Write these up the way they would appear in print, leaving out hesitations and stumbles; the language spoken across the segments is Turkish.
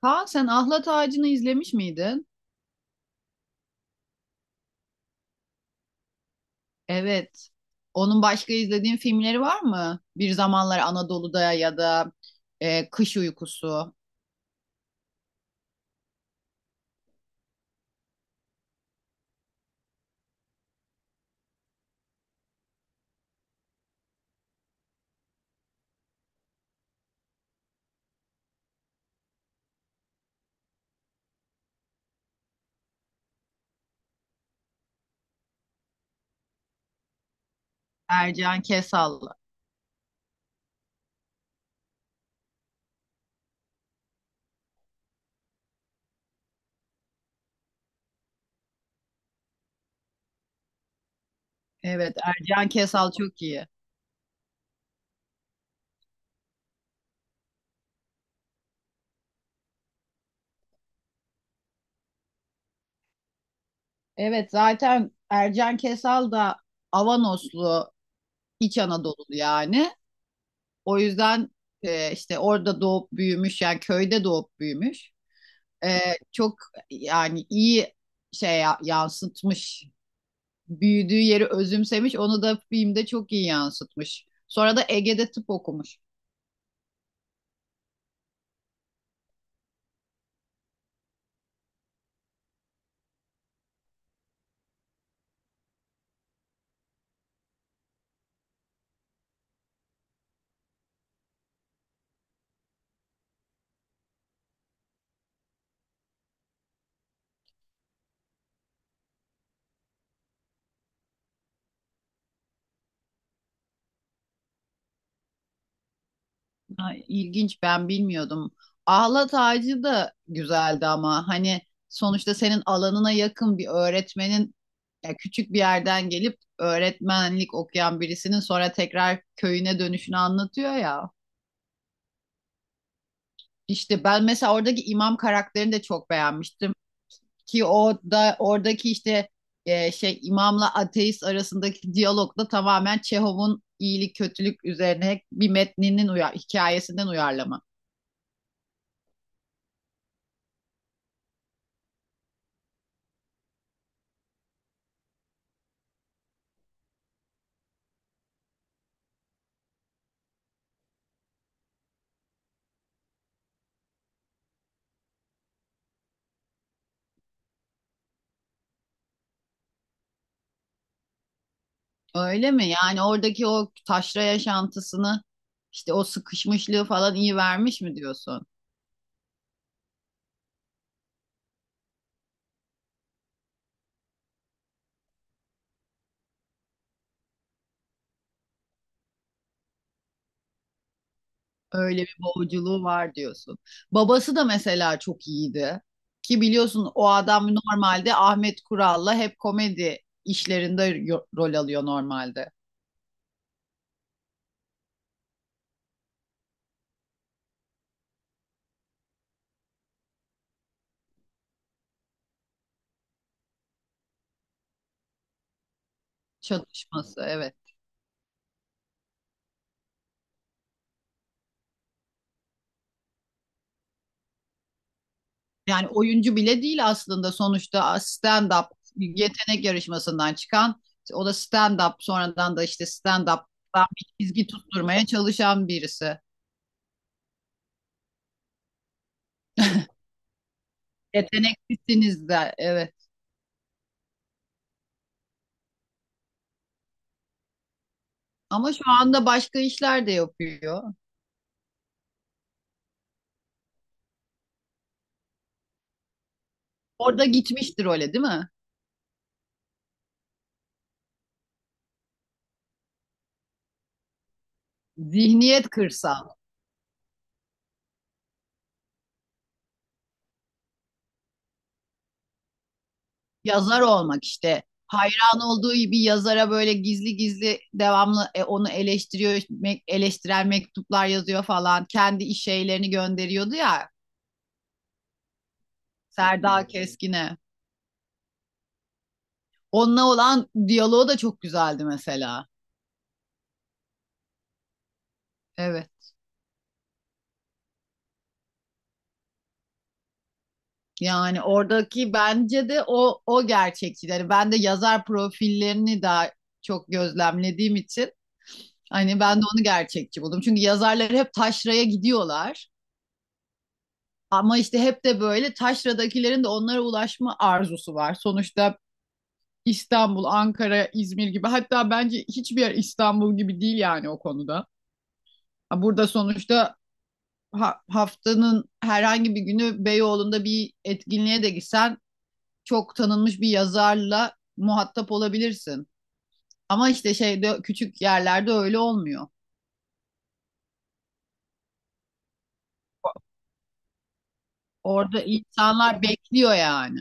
Kaan, sen Ahlat Ağacı'nı izlemiş miydin? Evet. Onun başka izlediğin filmleri var mı? Bir Zamanlar Anadolu'da ya da Kış Uykusu, Ercan Kesal. Evet, Ercan Kesal çok iyi. Evet, zaten Ercan Kesal da Avanoslu, İç Anadolu yani. O yüzden, işte orada doğup büyümüş, yani köyde doğup büyümüş. E, çok yani iyi yansıtmış büyüdüğü yeri özümsemiş. Onu da filmde çok iyi yansıtmış. Sonra da Ege'de tıp okumuş. Ha, ilginç, ben bilmiyordum. Ahlat Ağacı da güzeldi ama hani sonuçta senin alanına yakın bir öğretmenin, ya küçük bir yerden gelip öğretmenlik okuyan birisinin sonra tekrar köyüne dönüşünü anlatıyor ya. İşte ben mesela oradaki imam karakterini de çok beğenmiştim. Ki o da oradaki işte, şey imamla ateist arasındaki diyalog da tamamen Çehov'un iyilik kötülük üzerine bir metninin hikayesinden uyarlama. Öyle mi? Yani oradaki o taşra yaşantısını, işte o sıkışmışlığı falan iyi vermiş mi diyorsun? Öyle bir boğuculuğu var diyorsun. Babası da mesela çok iyiydi. Ki biliyorsun o adam normalde Ahmet Kural'la hep komedi işlerinde rol alıyor normalde. Çatışması, evet. Yani oyuncu bile değil aslında, sonuçta stand-up yetenek yarışmasından çıkan, o da stand-up, sonradan da işte stand-up'tan bir çizgi tutturmaya çalışan birisi. Yeteneklisiniz de, evet. Ama şu anda başka işler de yapıyor. Orada gitmiştir, öyle değil mi? Zihniyet kırsal. Yazar olmak işte. Hayran olduğu bir yazara böyle gizli gizli devamlı, onu eleştiriyor, eleştirel mektuplar yazıyor falan. Kendi iş şeylerini gönderiyordu ya. Serdar Keskin'e. Onunla olan diyaloğu da çok güzeldi mesela. Evet. Yani oradaki bence de o gerçekçileri. Ben de yazar profillerini daha çok gözlemlediğim için hani ben de onu gerçekçi buldum. Çünkü yazarlar hep taşraya gidiyorlar. Ama işte hep de böyle taşradakilerin de onlara ulaşma arzusu var. Sonuçta İstanbul, Ankara, İzmir gibi, hatta bence hiçbir yer İstanbul gibi değil yani o konuda. Burada sonuçta haftanın herhangi bir günü Beyoğlu'nda bir etkinliğe de gitsen çok tanınmış bir yazarla muhatap olabilirsin. Ama işte şeyde, küçük yerlerde öyle olmuyor. Orada insanlar bekliyor yani.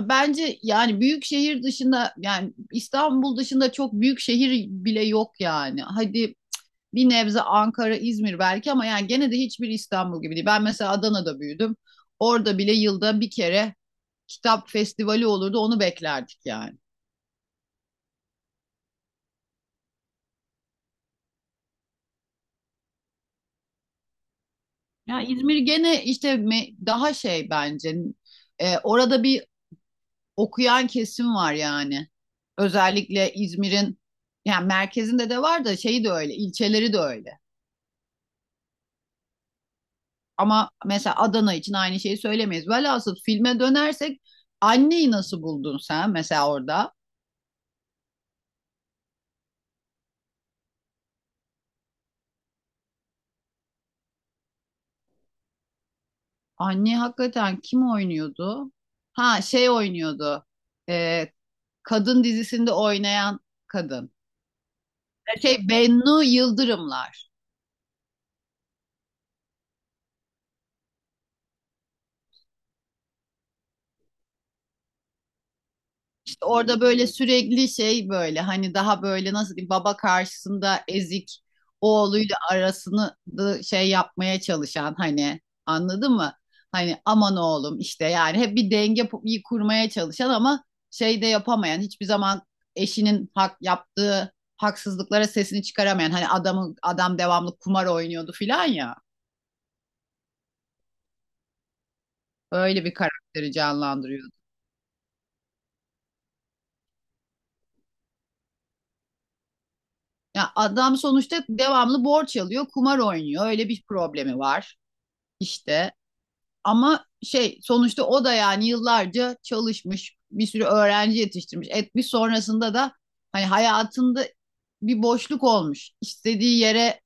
Bence yani büyük şehir dışında, yani İstanbul dışında çok büyük şehir bile yok yani. Hadi bir nebze Ankara, İzmir belki ama yani gene de hiçbir İstanbul gibi değil. Ben mesela Adana'da büyüdüm. Orada bile yılda bir kere kitap festivali olurdu. Onu beklerdik yani. Ya İzmir gene işte, daha şey bence, orada bir okuyan kesim var yani. Özellikle İzmir'in yani merkezinde de var da, şeyi de öyle, ilçeleri de öyle. Ama mesela Adana için aynı şeyi söylemeyiz. Velhasıl filme dönersek, anneyi nasıl buldun sen mesela orada? Anne hakikaten kim oynuyordu? Ha, şey oynuyordu. E, kadın dizisinde oynayan kadın. Şey, Bennu Yıldırımlar. Orada böyle sürekli şey, böyle hani daha böyle, nasıl diyeyim, baba karşısında ezik oğluyla arasını da şey yapmaya çalışan, hani anladın mı? Hani aman oğlum işte, yani hep bir denge kurmaya çalışan ama şey de yapamayan, hiçbir zaman eşinin hak yaptığı haksızlıklara sesini çıkaramayan, hani adamı adam devamlı kumar oynuyordu filan ya, öyle bir karakteri canlandırıyordu. Ya adam sonuçta devamlı borç alıyor, kumar oynuyor. Öyle bir problemi var. İşte ama şey, sonuçta o da yani yıllarca çalışmış, bir sürü öğrenci yetiştirmiş. Etmiş, sonrasında da hani hayatında bir boşluk olmuş. İstediği yere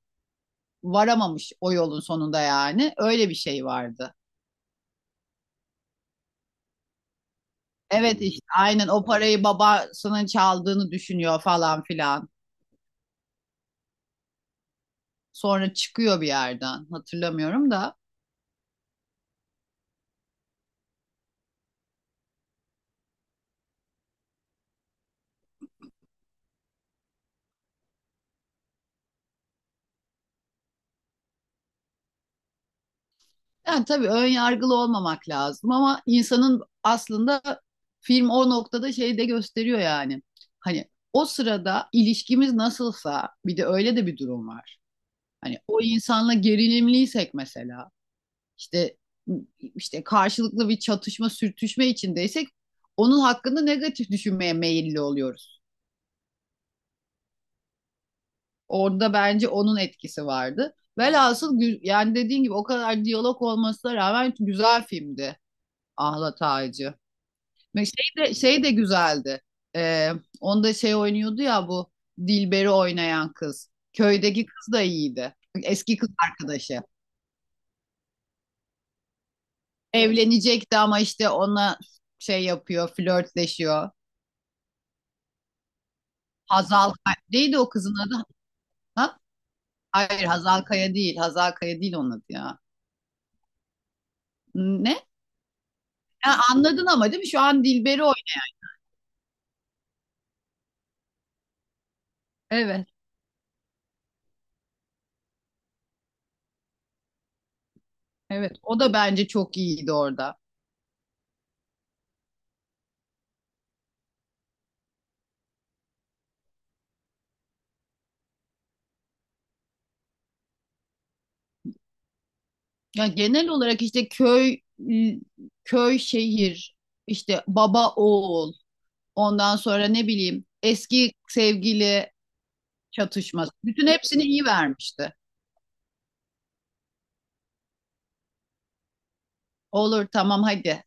varamamış o yolun sonunda yani. Öyle bir şey vardı. Evet, işte aynen o parayı babasının çaldığını düşünüyor falan filan. Sonra çıkıyor bir yerden. Hatırlamıyorum da. Yani tabii ön yargılı olmamak lazım ama insanın aslında, film o noktada şey de gösteriyor yani. Hani o sırada ilişkimiz nasılsa bir de öyle de bir durum var. Hani o insanla gerilimliysek mesela, işte işte karşılıklı bir çatışma sürtüşme içindeysek onun hakkında negatif düşünmeye meyilli oluyoruz. Orada bence onun etkisi vardı. Velhasıl yani dediğin gibi o kadar diyalog olmasına rağmen güzel filmdi Ahlat Ağacı. Ve şey de, şey de güzeldi. Ee, onda şey oynuyordu ya, bu Dilber'i oynayan kız. Köydeki kız da iyiydi. Eski kız arkadaşı. Evlenecekti ama işte ona şey yapıyor, flörtleşiyor. Hazal Kaya. Neydi o kızın adı? Ha? Hayır, Hazal Kaya değil. Hazal Kaya değil onun adı ya. Ne? Ha, anladın ama değil mi? Şu an Dilber'i oynuyor. Evet. Evet. O da bence çok iyiydi orada. Ya genel olarak işte köy, köy şehir, işte baba oğul, ondan sonra ne bileyim eski sevgili çatışması, bütün hepsini iyi vermişti. Olur, tamam, hadi